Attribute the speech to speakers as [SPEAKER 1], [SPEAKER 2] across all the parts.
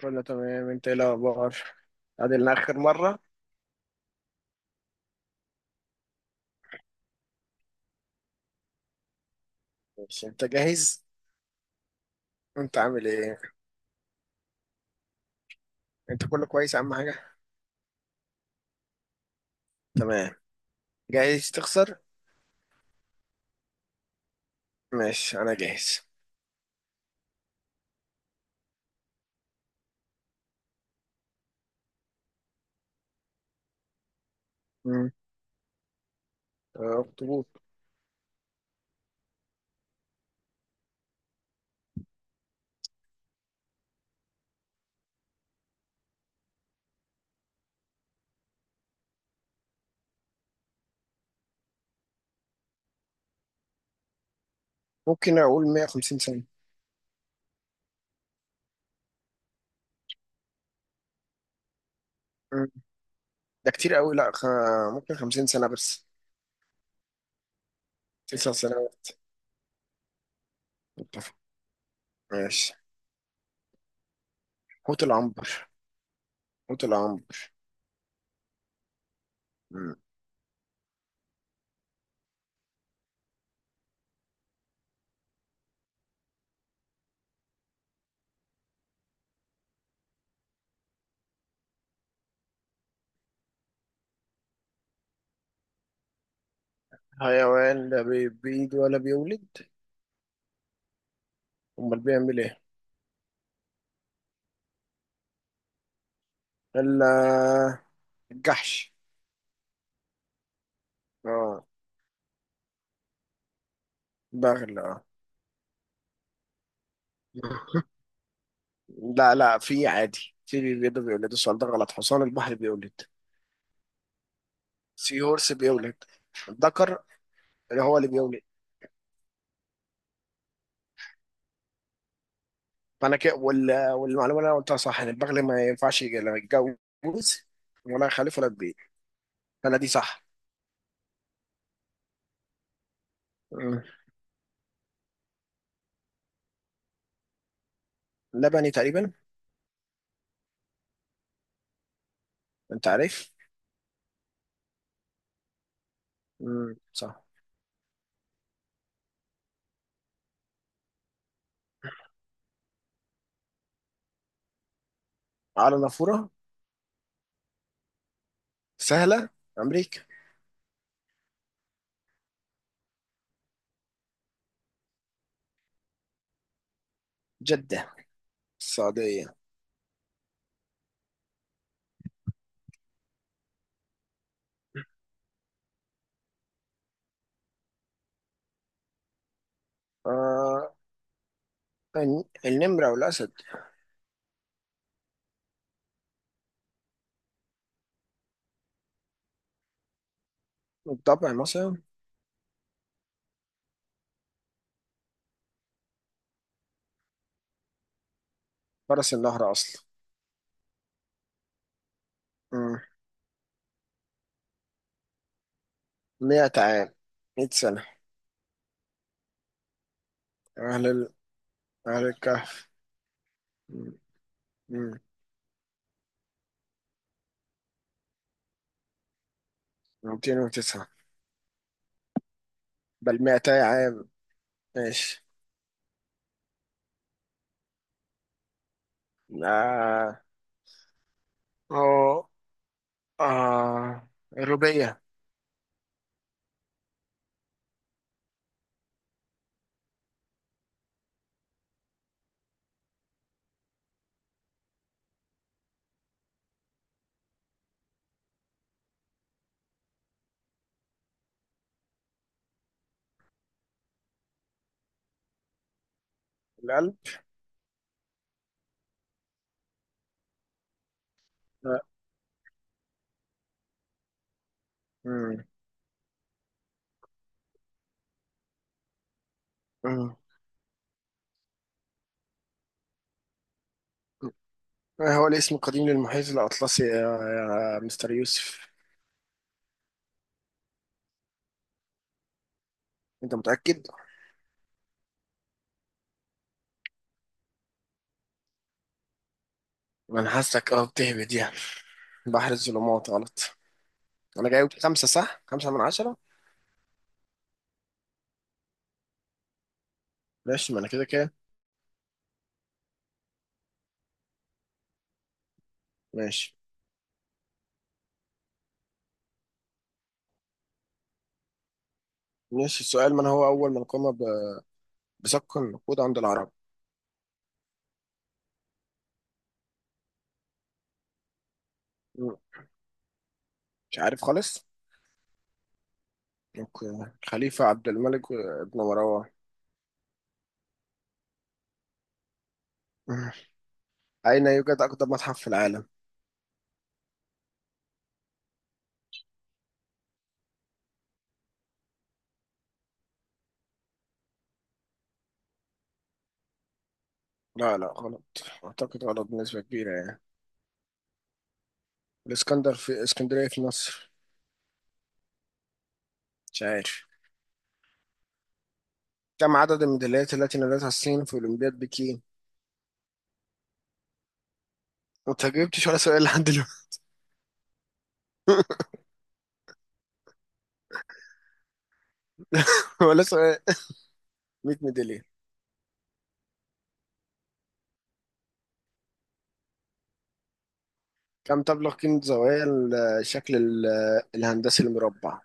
[SPEAKER 1] كله تمام، انت ايه الاخبار؟ قعدنا اخر مره؟ ماشي، انت جاهز؟ انت عامل ايه؟ انت كله كويس اهم حاجه؟ تمام. جاهز تخسر؟ ماشي، انا جاهز. امم. اخطبوط. ممكن اقول 150 سنه. مم. ده كتير قوي، لا، ممكن 50 سنه بس. 9 سنوات. اتفق. ماشي. حوت العنبر. حوت العنبر. مم. حيوان، لا، بيبيض ولا بيولد. امال بيعمل ايه؟ الا. الجحش. اه. بغل، اه. لا، لا، في عادي في بيبيض بيولد، السؤال ده غلط، حصان البحر بيولد. سي هورس بيولد. الذكر. اللي هو اللي بيولد. فانا كده والمعلومه اللي انا قلتها صح ان البغل ما ينفعش لا يتجوز، ولا يخلف ولا تبيع. فانا دي صح. مم. لبني تقريبا. انت عارف؟ مم. صح. على نافوره؟ سهله. امريكا. جده. السعوديه. آه... النمره والاسد. الضبع مثلا. فرس النهر اصلا. مم. 100 عام. 100 سنه. اهل أهل الكهف. م- م. 209. بل 200 عام. ماشي. آه. أو. آه الربيع. القلب. لا. م- م. ما هو الاسم القديم للمحيط الأطلسي يا مستر يوسف؟ أنت متأكد؟ ما أنا حاسك بتهبد يعني. بحر الظلمات غلط. أنا جايب خمسة صح؟ 5 من 10؟ ماشي، ما أنا كده كده. ماشي. ماشي، السؤال، من هو أول من قام بسك النقود عند العرب؟ م. مش عارف خالص. اوكي، خليفة عبد الملك ابن مروان. مم. أين يوجد أقدم متحف في العالم؟ لا، لا، غلط. أعتقد غلط بنسبة كبيرة يعني. الإسكندر في اسكندرية في مصر. مش عارف. كم عدد الميداليات التي نالتها الصين في أولمبياد بكين؟ أنت ما جبتش ولا سؤال لحد دلوقتي. ولا سؤال. 100 ميدالية. كم تبلغ قيمة زوايا الشكل الهندسي المربع؟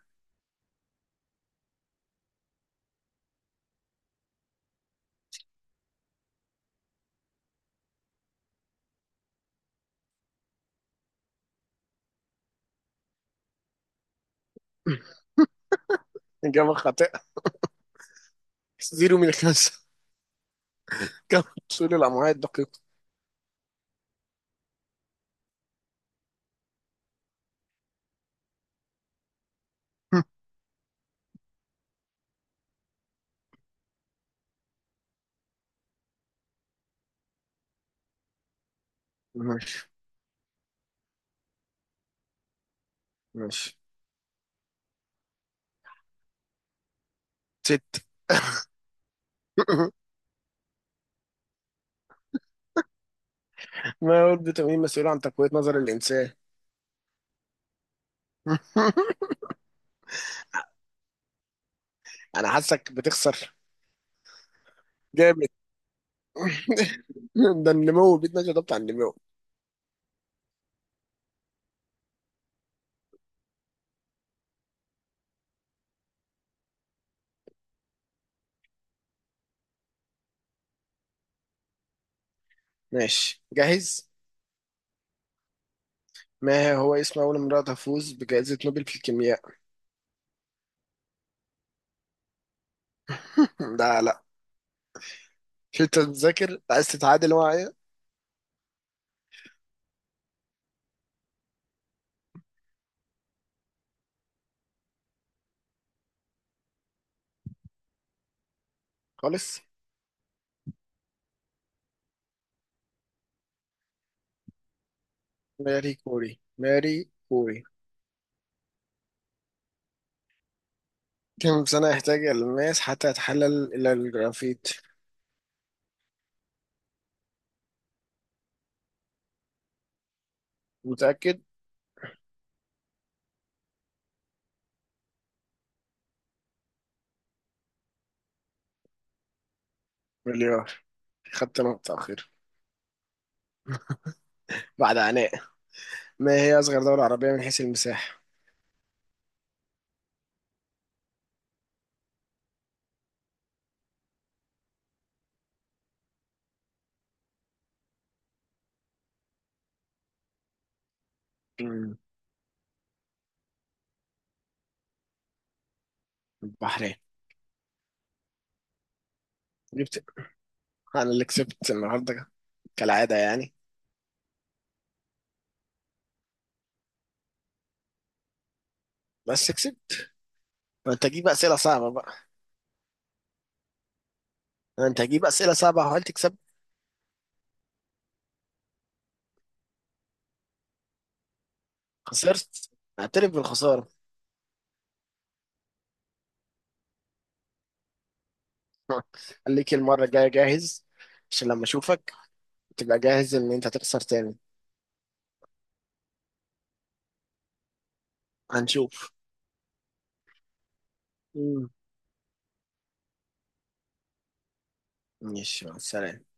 [SPEAKER 1] إجابة خاطئة. 0 من 5. كم طول الأمعاء الدقيقة؟ ماشي. ماشي. ست. ما هو الفيتامين مسؤول عن تقوية نظر الإنسان؟ أنا حاسك بتخسر. جامد. ده النمو بيتنا، ده بتاع النمو. ماشي، جاهز. ما هو اسم أول امرأة تفوز بجائزة نوبل في الكيمياء؟ لا، لا، مش أنت بتذاكر عايز تتعادل معايا؟ خالص. ماري كوري، ماري كوري. كم سنة يحتاج الماس حتى يتحلل إلى الجرافيت؟ متأكد؟ مليار. خدت نقطة أخيرة. بعد عناء. ما هي أصغر دولة عربية من حيث المساحة؟ مم. البحرين. جبت. انا اللي كسبت النهارده. كالعاده يعني. بس كسبت. ما انت هتجيب اسئله صعبه بقى. ما انت هتجيب اسئله صعبه وهل تكسب. خسرت. اعترف بالخساره. خليك المره الجايه جاهز. عشان لما اشوفك تبقى جاهز ان انت تخسر تاني. هنشوف. مم. ماشي، مع السلامه.